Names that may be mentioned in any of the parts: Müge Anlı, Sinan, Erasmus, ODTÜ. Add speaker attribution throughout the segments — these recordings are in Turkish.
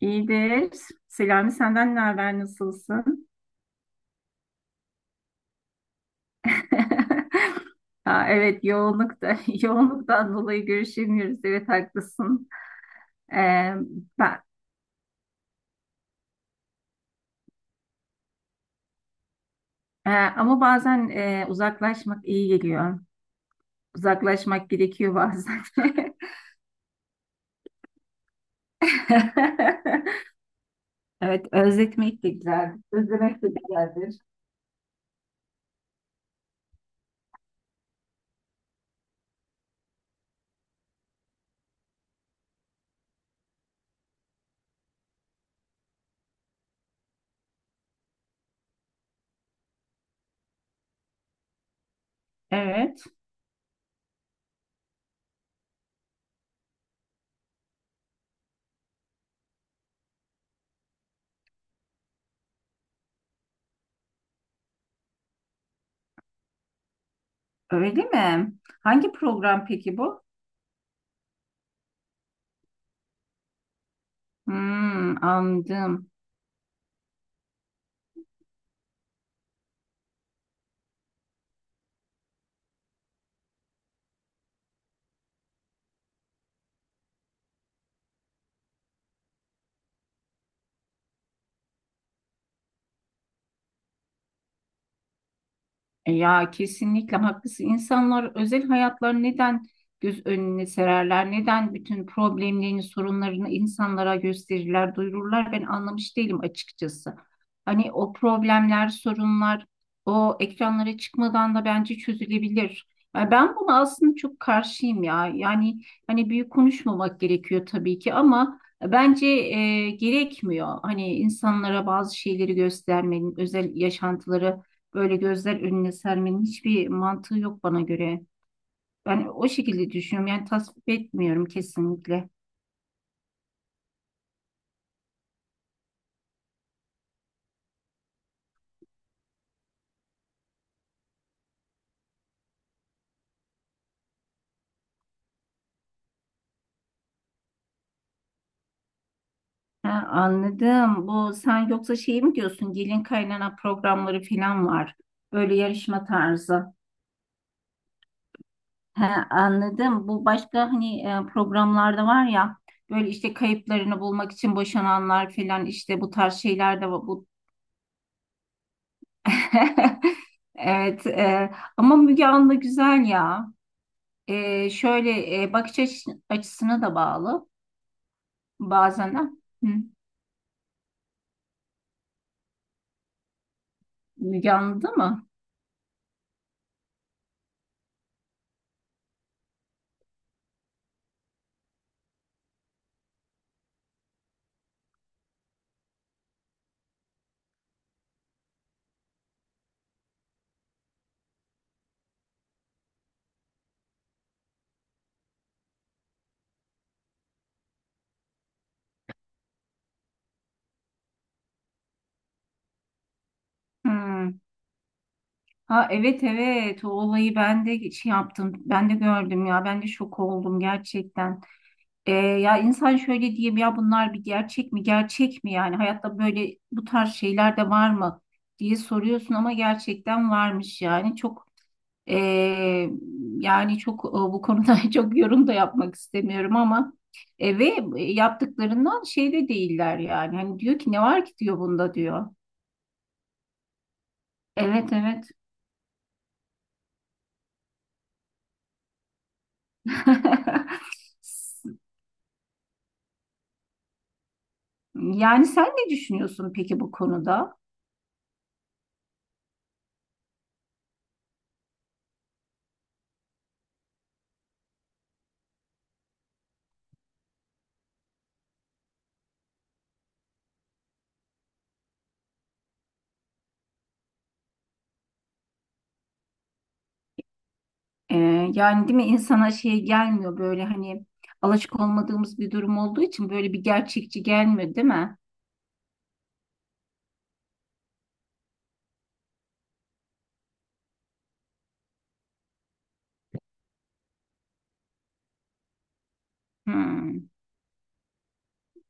Speaker 1: İyidir. Selami senden ne haber? Nasılsın? Ha, evet yoğunlukta, da yoğunluktan dolayı görüşemiyoruz. Evet haklısın. Ee, ben, Ama bazen uzaklaşmak iyi geliyor. Uzaklaşmak gerekiyor bazen. Evet, özletmek de güzel. Özlemek de güzeldir. Evet, öyle mi? Hangi program peki bu? Hmm, anladım. Ya kesinlikle haklısın. İnsanlar özel hayatlarını neden göz önüne sererler? Neden bütün problemlerini, sorunlarını insanlara gösterirler, duyururlar? Ben anlamış değilim açıkçası. Hani o problemler, sorunlar o ekranlara çıkmadan da bence çözülebilir. Yani ben buna aslında çok karşıyım ya. Yani hani büyük konuşmamak gerekiyor tabii ki ama bence gerekmiyor. Hani insanlara bazı şeyleri göstermenin, özel yaşantıları böyle gözler önüne sermenin hiçbir mantığı yok bana göre. Ben o şekilde düşünüyorum. Yani tasvip etmiyorum kesinlikle. Ha, anladım. Bu sen yoksa şey mi diyorsun? Gelin kaynana programları falan var. Böyle yarışma tarzı. Ha, anladım. Bu başka hani programlarda var ya böyle işte kayıplarını bulmak için boşananlar falan işte bu tarz şeyler de var. Evet. Ama Müge Anlı güzel ya. Şöyle bakış açısına da bağlı bazen. Ha. Hı. Müge anladı mı? Hı. Ha, evet, evet, o olayı ben de şey yaptım. Ben de gördüm ya. Ben de şok oldum gerçekten. Ya insan şöyle diyeyim ya bunlar bir gerçek mi? Gerçek mi yani? Hayatta böyle bu tarz şeyler de var mı diye soruyorsun ama gerçekten varmış yani. Çok Ee, Yani çok bu konuda çok yorum da yapmak istemiyorum ama ve yaptıklarından şey de değiller yani. Hani diyor ki ne var ki diyor bunda diyor. Evet, evet. Yani sen ne düşünüyorsun peki bu konuda? Yani değil mi, insana şey gelmiyor böyle hani alışık olmadığımız bir durum olduğu için böyle bir gerçekçi gelmiyor değil mi? Hmm.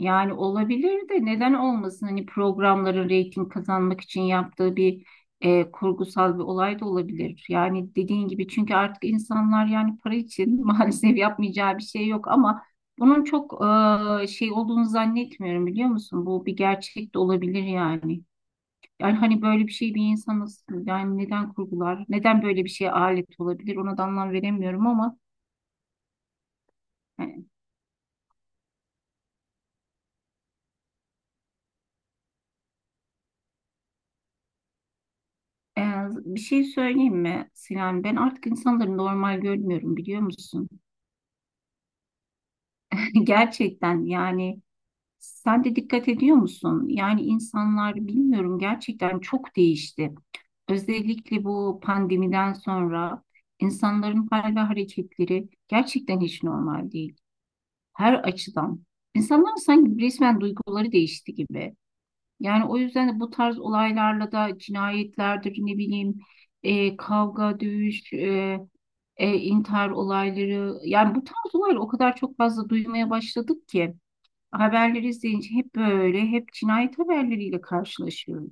Speaker 1: Yani olabilir de neden olmasın? Hani programların reyting kazanmak için yaptığı bir kurgusal bir olay da olabilir. Yani dediğin gibi çünkü artık insanlar yani para için maalesef yapmayacağı bir şey yok ama bunun çok şey olduğunu zannetmiyorum biliyor musun? Bu bir gerçek de olabilir yani. Yani hani böyle bir şey bir insan nasıl yani neden kurgular? Neden böyle bir şeye alet olabilir? Ona da anlam veremiyorum ama Ee, bir şey söyleyeyim mi Sinan? Ben artık insanları normal görmüyorum biliyor musun? Gerçekten yani sen de dikkat ediyor musun? Yani insanlar bilmiyorum, gerçekten çok değişti. Özellikle bu pandemiden sonra insanların hal ve hareketleri gerçekten hiç normal değil. Her açıdan. İnsanların sanki resmen duyguları değişti gibi. Yani o yüzden de bu tarz olaylarla da cinayetlerdir, ne bileyim, kavga, dövüş, intihar olayları, yani bu tarz olayları o kadar çok fazla duymaya başladık ki haberleri izleyince hep böyle hep cinayet haberleriyle karşılaşıyoruz.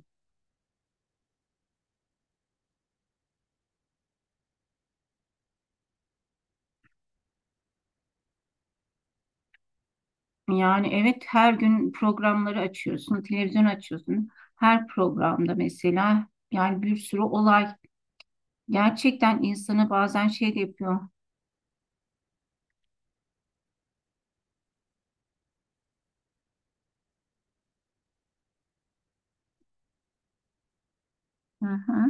Speaker 1: Yani evet, her gün programları açıyorsun, televizyon açıyorsun. Her programda mesela yani bir sürü olay gerçekten insanı bazen şey de yapıyor. Hı hı.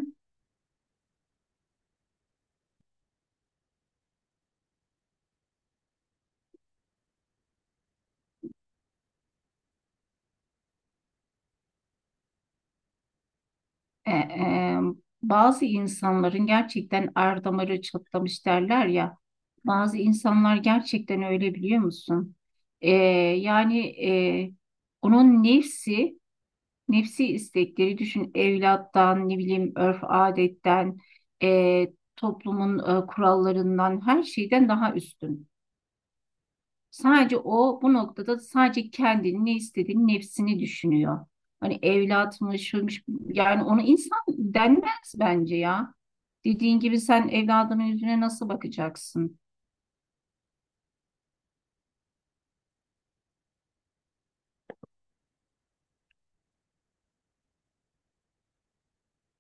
Speaker 1: E, e, Bazı insanların gerçekten er damarı çatlamış derler ya. Bazı insanlar gerçekten öyle biliyor musun? E, Yani e, onun nefsi, istekleri düşün evlattan, ne bileyim, örf adetten, e, toplumun kurallarından, her şeyden daha üstün. Sadece o bu noktada sadece kendini, ne istediğini, nefsini düşünüyor. Hani evlatmış, şuymuş, yani ona insan denmez bence ya. Dediğin gibi sen evladının yüzüne nasıl bakacaksın?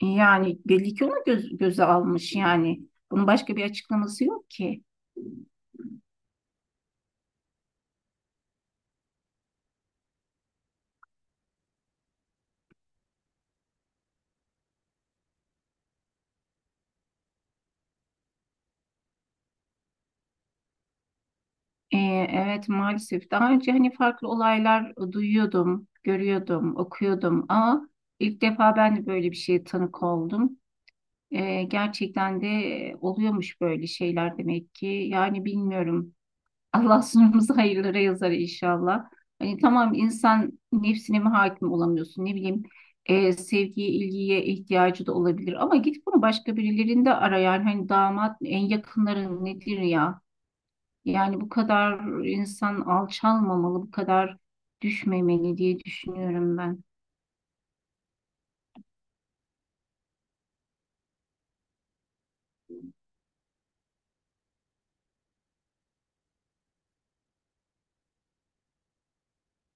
Speaker 1: Yani belli ki onu göz, göze almış yani. Bunun başka bir açıklaması yok ki. Ee, evet, maalesef daha önce hani farklı olaylar duyuyordum, görüyordum, okuyordum ama ilk defa ben de böyle bir şeye tanık oldum. Gerçekten de oluyormuş böyle şeyler demek ki. Yani bilmiyorum. Allah sınırımızı hayırlara yazar inşallah. Hani tamam, insan nefsine mi hakim olamıyorsun, ne bileyim, sevgiye, ilgiye ihtiyacı da olabilir ama git bunu başka birilerinde ara yani, hani damat, en yakınların nedir ya? Yani bu kadar insan alçalmamalı, bu kadar düşmemeli diye düşünüyorum ben.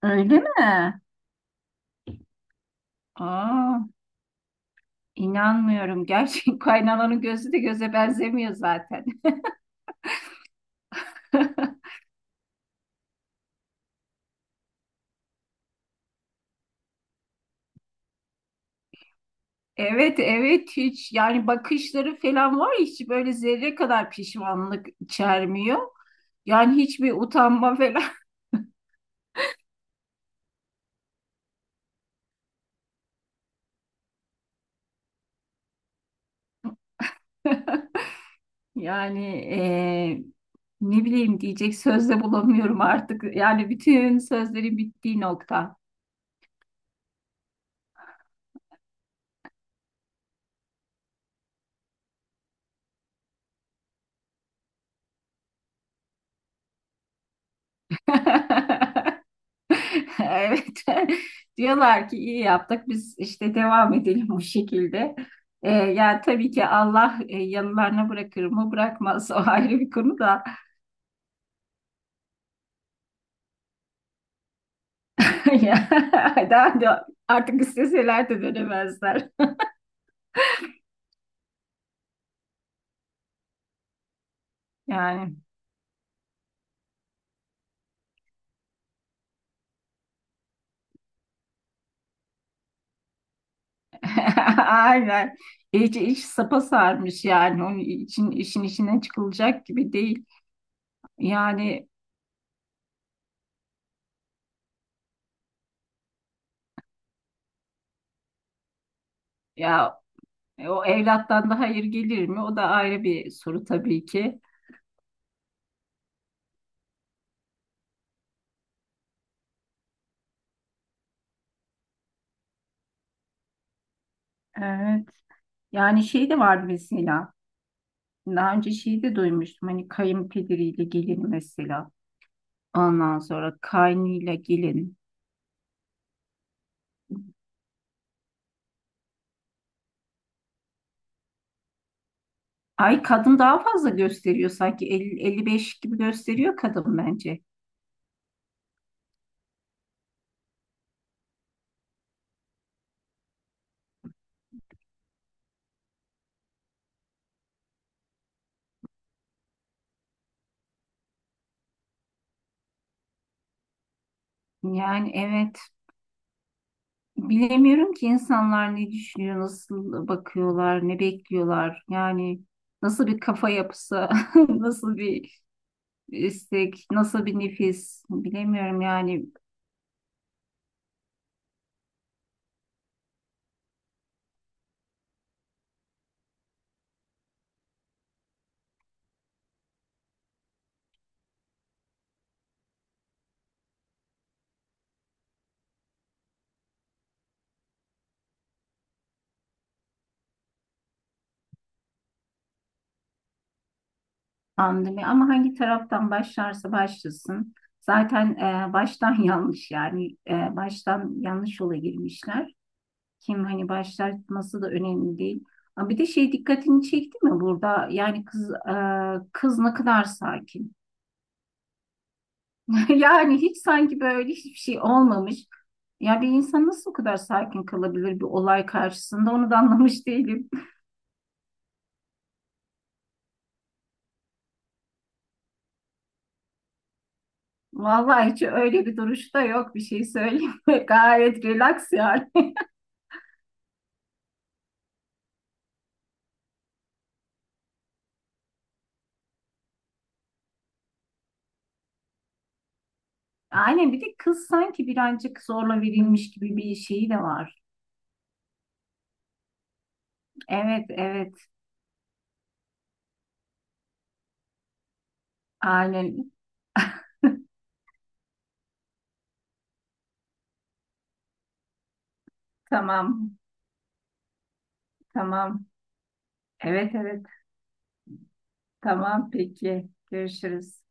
Speaker 1: Öyle mi? Aa, inanmıyorum. Gerçek kaynananın gözü de göze benzemiyor zaten. Evet, evet hiç yani bakışları falan var ya, hiç böyle zerre kadar pişmanlık içermiyor. Yani hiçbir utanma falan. Yani ne bileyim, diyecek söz de bulamıyorum artık. Yani bütün sözlerin bittiği nokta. Evet. Diyorlar ki iyi yaptık. Biz işte devam edelim o şekilde. Ya tabii ki Allah yanılarına bırakır mı bırakmaz o ayrı bir konu da. Ya, daha da artık isteseler de dönemezler. Yani aynen. İyice iş sapa sarmış yani. Onun için işin içinden çıkılacak gibi değil. Yani ya o evlattan da hayır gelir mi? O da ayrı bir soru tabii ki. Evet. Yani şey de vardı mesela. Daha önce şeyi de duymuştum. Hani kayınpederiyle gelin mesela. Ondan sonra kaynıyla gelin. Ay, kadın daha fazla gösteriyor sanki. 50-55 gibi gösteriyor kadın bence. Yani evet. Bilemiyorum ki insanlar ne düşünüyor, nasıl bakıyorlar, ne bekliyorlar. Yani nasıl bir kafa yapısı, nasıl bir istek, nasıl bir nefis. Bilemiyorum yani. Pandemi ama hangi taraftan başlarsa başlasın. Zaten baştan yanlış yani, baştan yanlış yola girmişler. Kim hani başlatması da önemli değil. Ama bir de şey dikkatini çekti mi burada? Yani kız ne kadar sakin. Yani hiç sanki böyle hiçbir şey olmamış. Ya bir insan nasıl o kadar sakin kalabilir bir olay karşısında, onu da anlamış değilim. Vallahi hiç öyle bir duruşta yok, bir şey söyleyeyim mi? Gayet relax yani. Aynen, bir de kız sanki birazcık zorla verilmiş gibi bir şeyi de var. Evet, evet, aynen, tamam, tamam, evet, evet, tamam, peki görüşürüz.